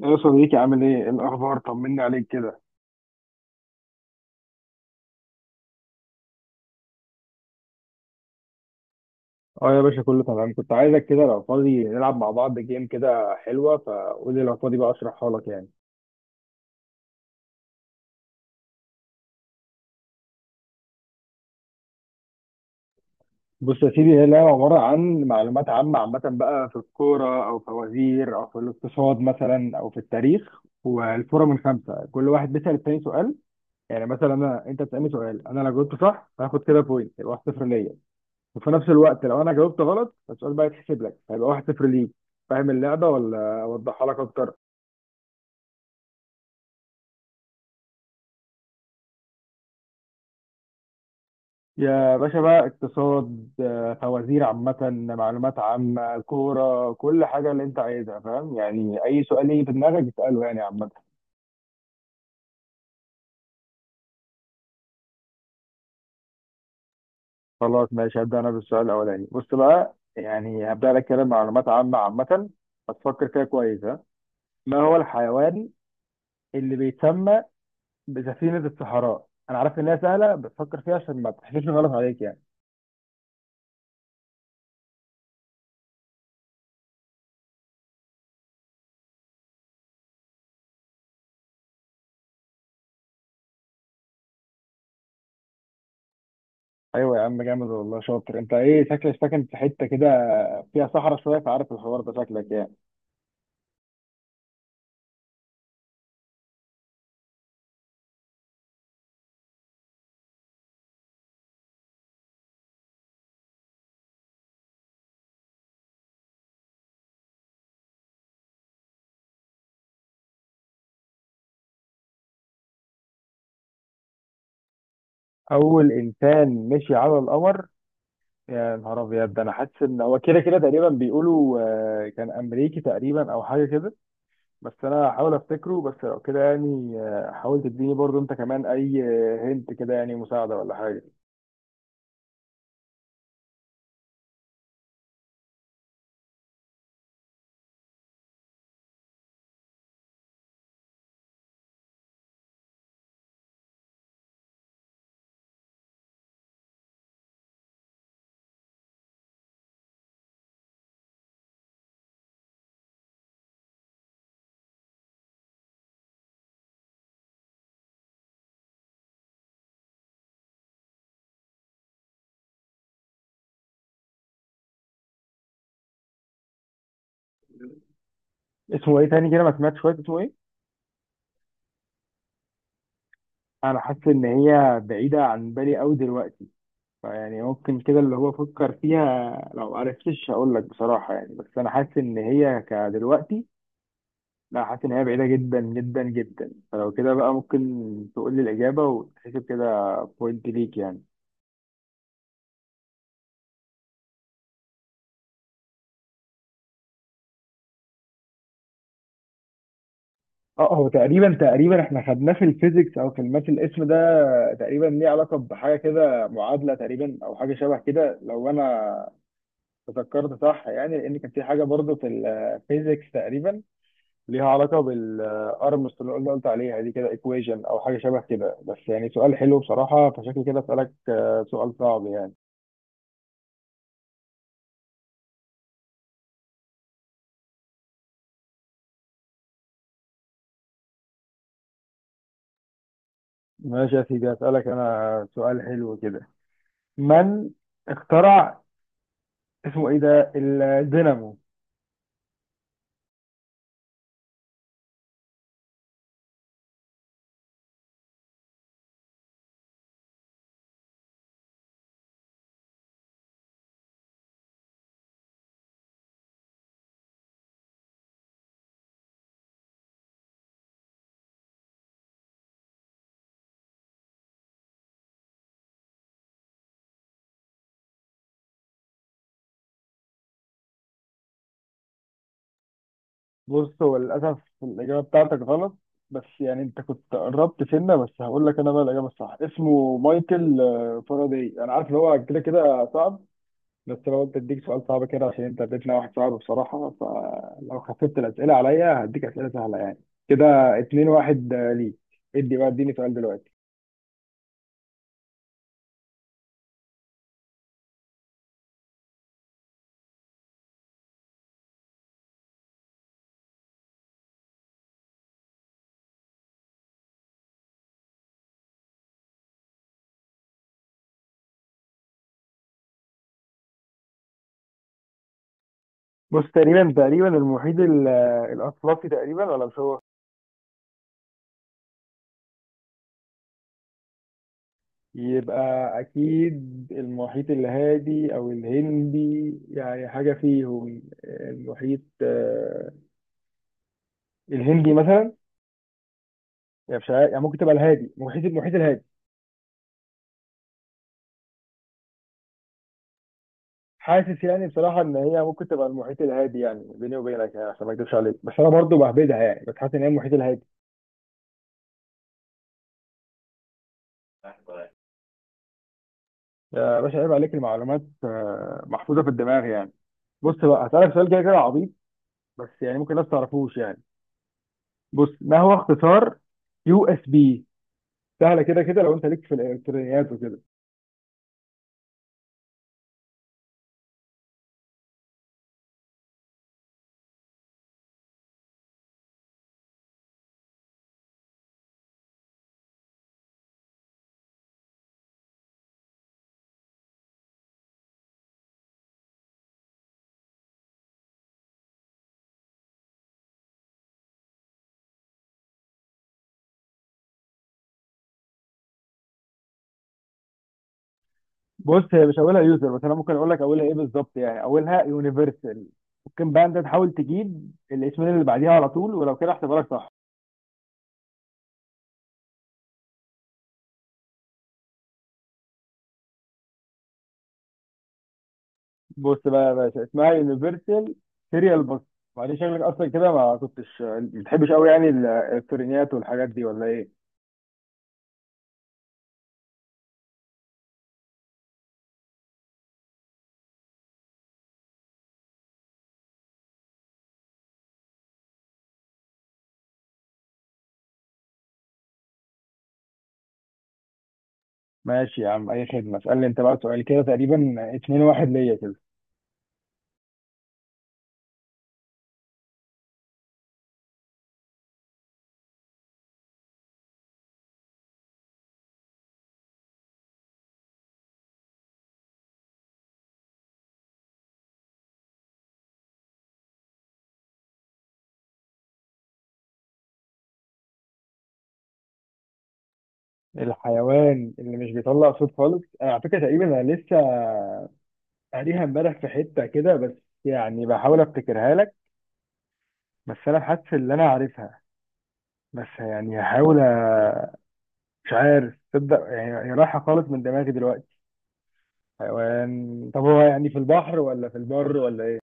يا صديقي، عامل ايه؟ إيه الاخبار؟ طمني عليك كده. اه يا باشا، كله تمام. كنت عايزك كده لو فاضي نلعب مع بعض جيم كده حلوة، فقول لي لو فاضي بقى اشرحها لك يعني. بص يا سيدي، هي اللعبه عباره عن معلومات عامه عامه بقى في الكوره او فوازير او في الاقتصاد مثلا او في التاريخ، والفوره من خمسه، كل واحد بيسال التاني سؤال. يعني مثلا انا انت بتسالني سؤال، انا لو جاوبت صح هاخد كده بوينت، يبقى 1-0 ليا. وفي نفس الوقت لو انا جاوبت غلط السؤال بقى يتحسب لك، هيبقى 1-0 ليك. فاهم اللعبه ولا اوضحها لك اكتر؟ يا باشا بقى اقتصاد، فوازير، عامة، معلومات عامة، كورة، كل حاجة اللي انت عايزها. فاهم يعني اي سؤال يجي في دماغك اسأله يعني عامة. خلاص ماشي، هبدأ انا بالسؤال الاولاني. بص بقى، يعني هبدأ لك كده معلومات عامة عامة. هتفكر فيها كويس، ها. ما هو الحيوان اللي بيتسمى بسفينة الصحراء؟ انا عارف ان هي سهلة بس فكر فيها عشان ما تحسش غلط عليك يعني. ايوه يا عم، جامد والله، شاطر. انت ايه شكلك ساكن في حتة كده فيها صحراء شوية، فعارف الحوار ده شكلك يعني. اول انسان مشي على القمر؟ يا نهار ابيض، ده انا حاسس ان هو كده كده تقريبا بيقولوا. كان امريكي تقريبا او حاجه كده، بس انا هحاول افتكره. بس لو كده يعني، حاول تديني برضو انت كمان اي، هنت كده يعني مساعده ولا حاجه. اسمه ايه تاني كده؟ ما سمعتش شويه، اسمه ايه؟ انا حاسس ان هي بعيده عن بالي قوي دلوقتي، فيعني ممكن كده اللي هو افكر فيها، لو عرفتش هقول لك بصراحه يعني. بس انا حاسس ان هي كدلوقتي، لا حاسس ان هي بعيده جدا جدا جدا. فلو كده بقى ممكن تقول لي الاجابه وتحسب كده بوينت ليك يعني. اه هو تقريبا تقريبا احنا خدناه في الفيزيكس او في الماس الاسم ده. تقريبا ليه علاقه بحاجه كده معادله تقريبا او حاجه شبه كده، لو انا تذكرت صح يعني، لان كان في حاجه برضه في الفيزيكس تقريبا ليها علاقه بالارمس اللي قلت عليها دي، كده ايكويجن او حاجه شبه كده. بس يعني سؤال حلو بصراحه، فشكل كده اسالك سؤال صعب يعني. ماشي يا سيدي، هسألك أنا سؤال حلو كده. من اخترع اسمه إيه ده الدينامو؟ بص، هو للأسف الإجابة بتاعتك غلط، بس يعني أنت كنت قربت سنة. بس هقول لك أنا بقى الإجابة الصح، اسمه مايكل فاراداي. أنا عارف إن هو كده كده صعب، بس لو قلت أديك سؤال صعب كده عشان أنت اديتنا واحد صعب بصراحة. فلو خففت الأسئلة عليا هديك أسئلة سهلة يعني. كده اتنين واحد ليك. ادي بقى، اديني سؤال دلوقتي. بص تقريبا تقريبا المحيط الأطلسي تقريبا، ولا مش هو؟ يبقى أكيد المحيط الهادي أو الهندي، يعني حاجة فيهم. المحيط الهندي مثلا. يعني مش عارف- يعني ممكن تبقى الهادي، محيط المحيط الهادي. حاسس يعني بصراحة إن هي ممكن تبقى المحيط الهادي، يعني بيني وبينك يعني عشان ما أكدبش عليك، بس أنا برضو بهبدها يعني، بس حاسس إن هي المحيط الهادي. يا باشا عيب عليك، المعلومات محفوظة في الدماغ يعني. بص بقى، هسألك سؤال كده كده عبيط، بس يعني ممكن الناس تعرفوش يعني. بص، ما هو اختصار يو اس بي؟ سهله كده كده لو انت ليك في الالكترونيات وكده. بص، هي مش اولها يوزر، بس انا ممكن اقول لك اولها ايه بالظبط يعني، اولها يونيفرسال. ممكن بقى انت تحاول تجيب الاسمين اللي بعديها على طول، ولو كده احتمالك صح. بص بقى يا باشا، اسمها يونيفرسال سيريال بس. وبعدين شكلك اصلا كده ما كنتش ما بتحبش قوي يعني الالكترونيات والحاجات دي، ولا ايه؟ ماشي يا عم، اي خدمه. اسالني انت بقى سؤال، كده تقريبا 2-1 ليا كده. الحيوان اللي مش بيطلع صوت خالص؟ أنا على فكره تقريبا انا لسه قاريها امبارح في حتة كده، بس يعني بحاول افتكرها لك. بس انا حاسس ان انا عارفها، بس يعني هحاول مش عارف تصدق يعني، هي رايحة خالص من دماغي دلوقتي. حيوان، طب هو يعني في البحر ولا في البر ولا ايه؟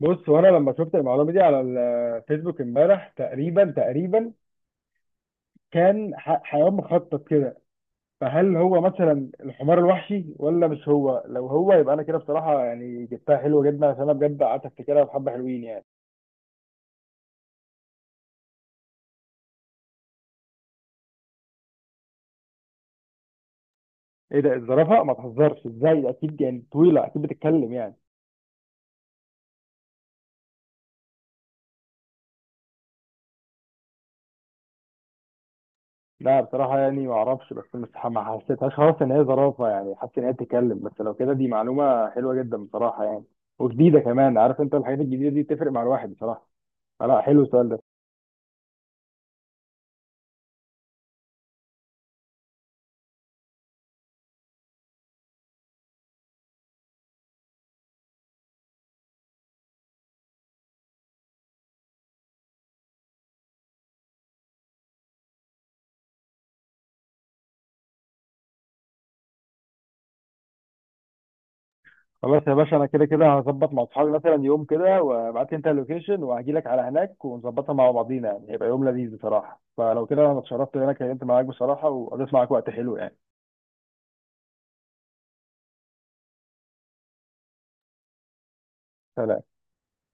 بص وانا لما شفت المعلومة دي على الفيسبوك امبارح تقريبا تقريبا كان حيوان مخطط كده. فهل هو مثلا الحمار الوحشي، ولا مش هو؟ لو هو يبقى انا كده بصراحة يعني جبتها حلوة جدا، عشان انا بجد قعدت افتكرها بحبة حلوين يعني. ايه ده، اتضربها، ما تهزرش ازاي، اكيد يعني طويله اكيد بتتكلم يعني. لا بصراحه يعني ما اعرفش، بس مش ما حسيتهاش خالص ان هي زرافه يعني، حاسس ان هي بتتكلم. بس لو كده، دي معلومه حلوه جدا بصراحه يعني، وجديده كمان. عارف انت الحاجات الجديده دي تفرق مع الواحد بصراحه، فلا حلو السؤال ده. خلاص يا باشا، انا كده كده هظبط مع اصحابي مثلا يوم كده، وابعت لي انت اللوكيشن وهجي لك على هناك ونظبطها مع بعضينا يعني، هيبقى يوم لذيذ بصراحه. فلو كده انا اتشرفت ان انا اتكلمت معاك بصراحه، وقضيت معاك وقت حلو يعني. سلام.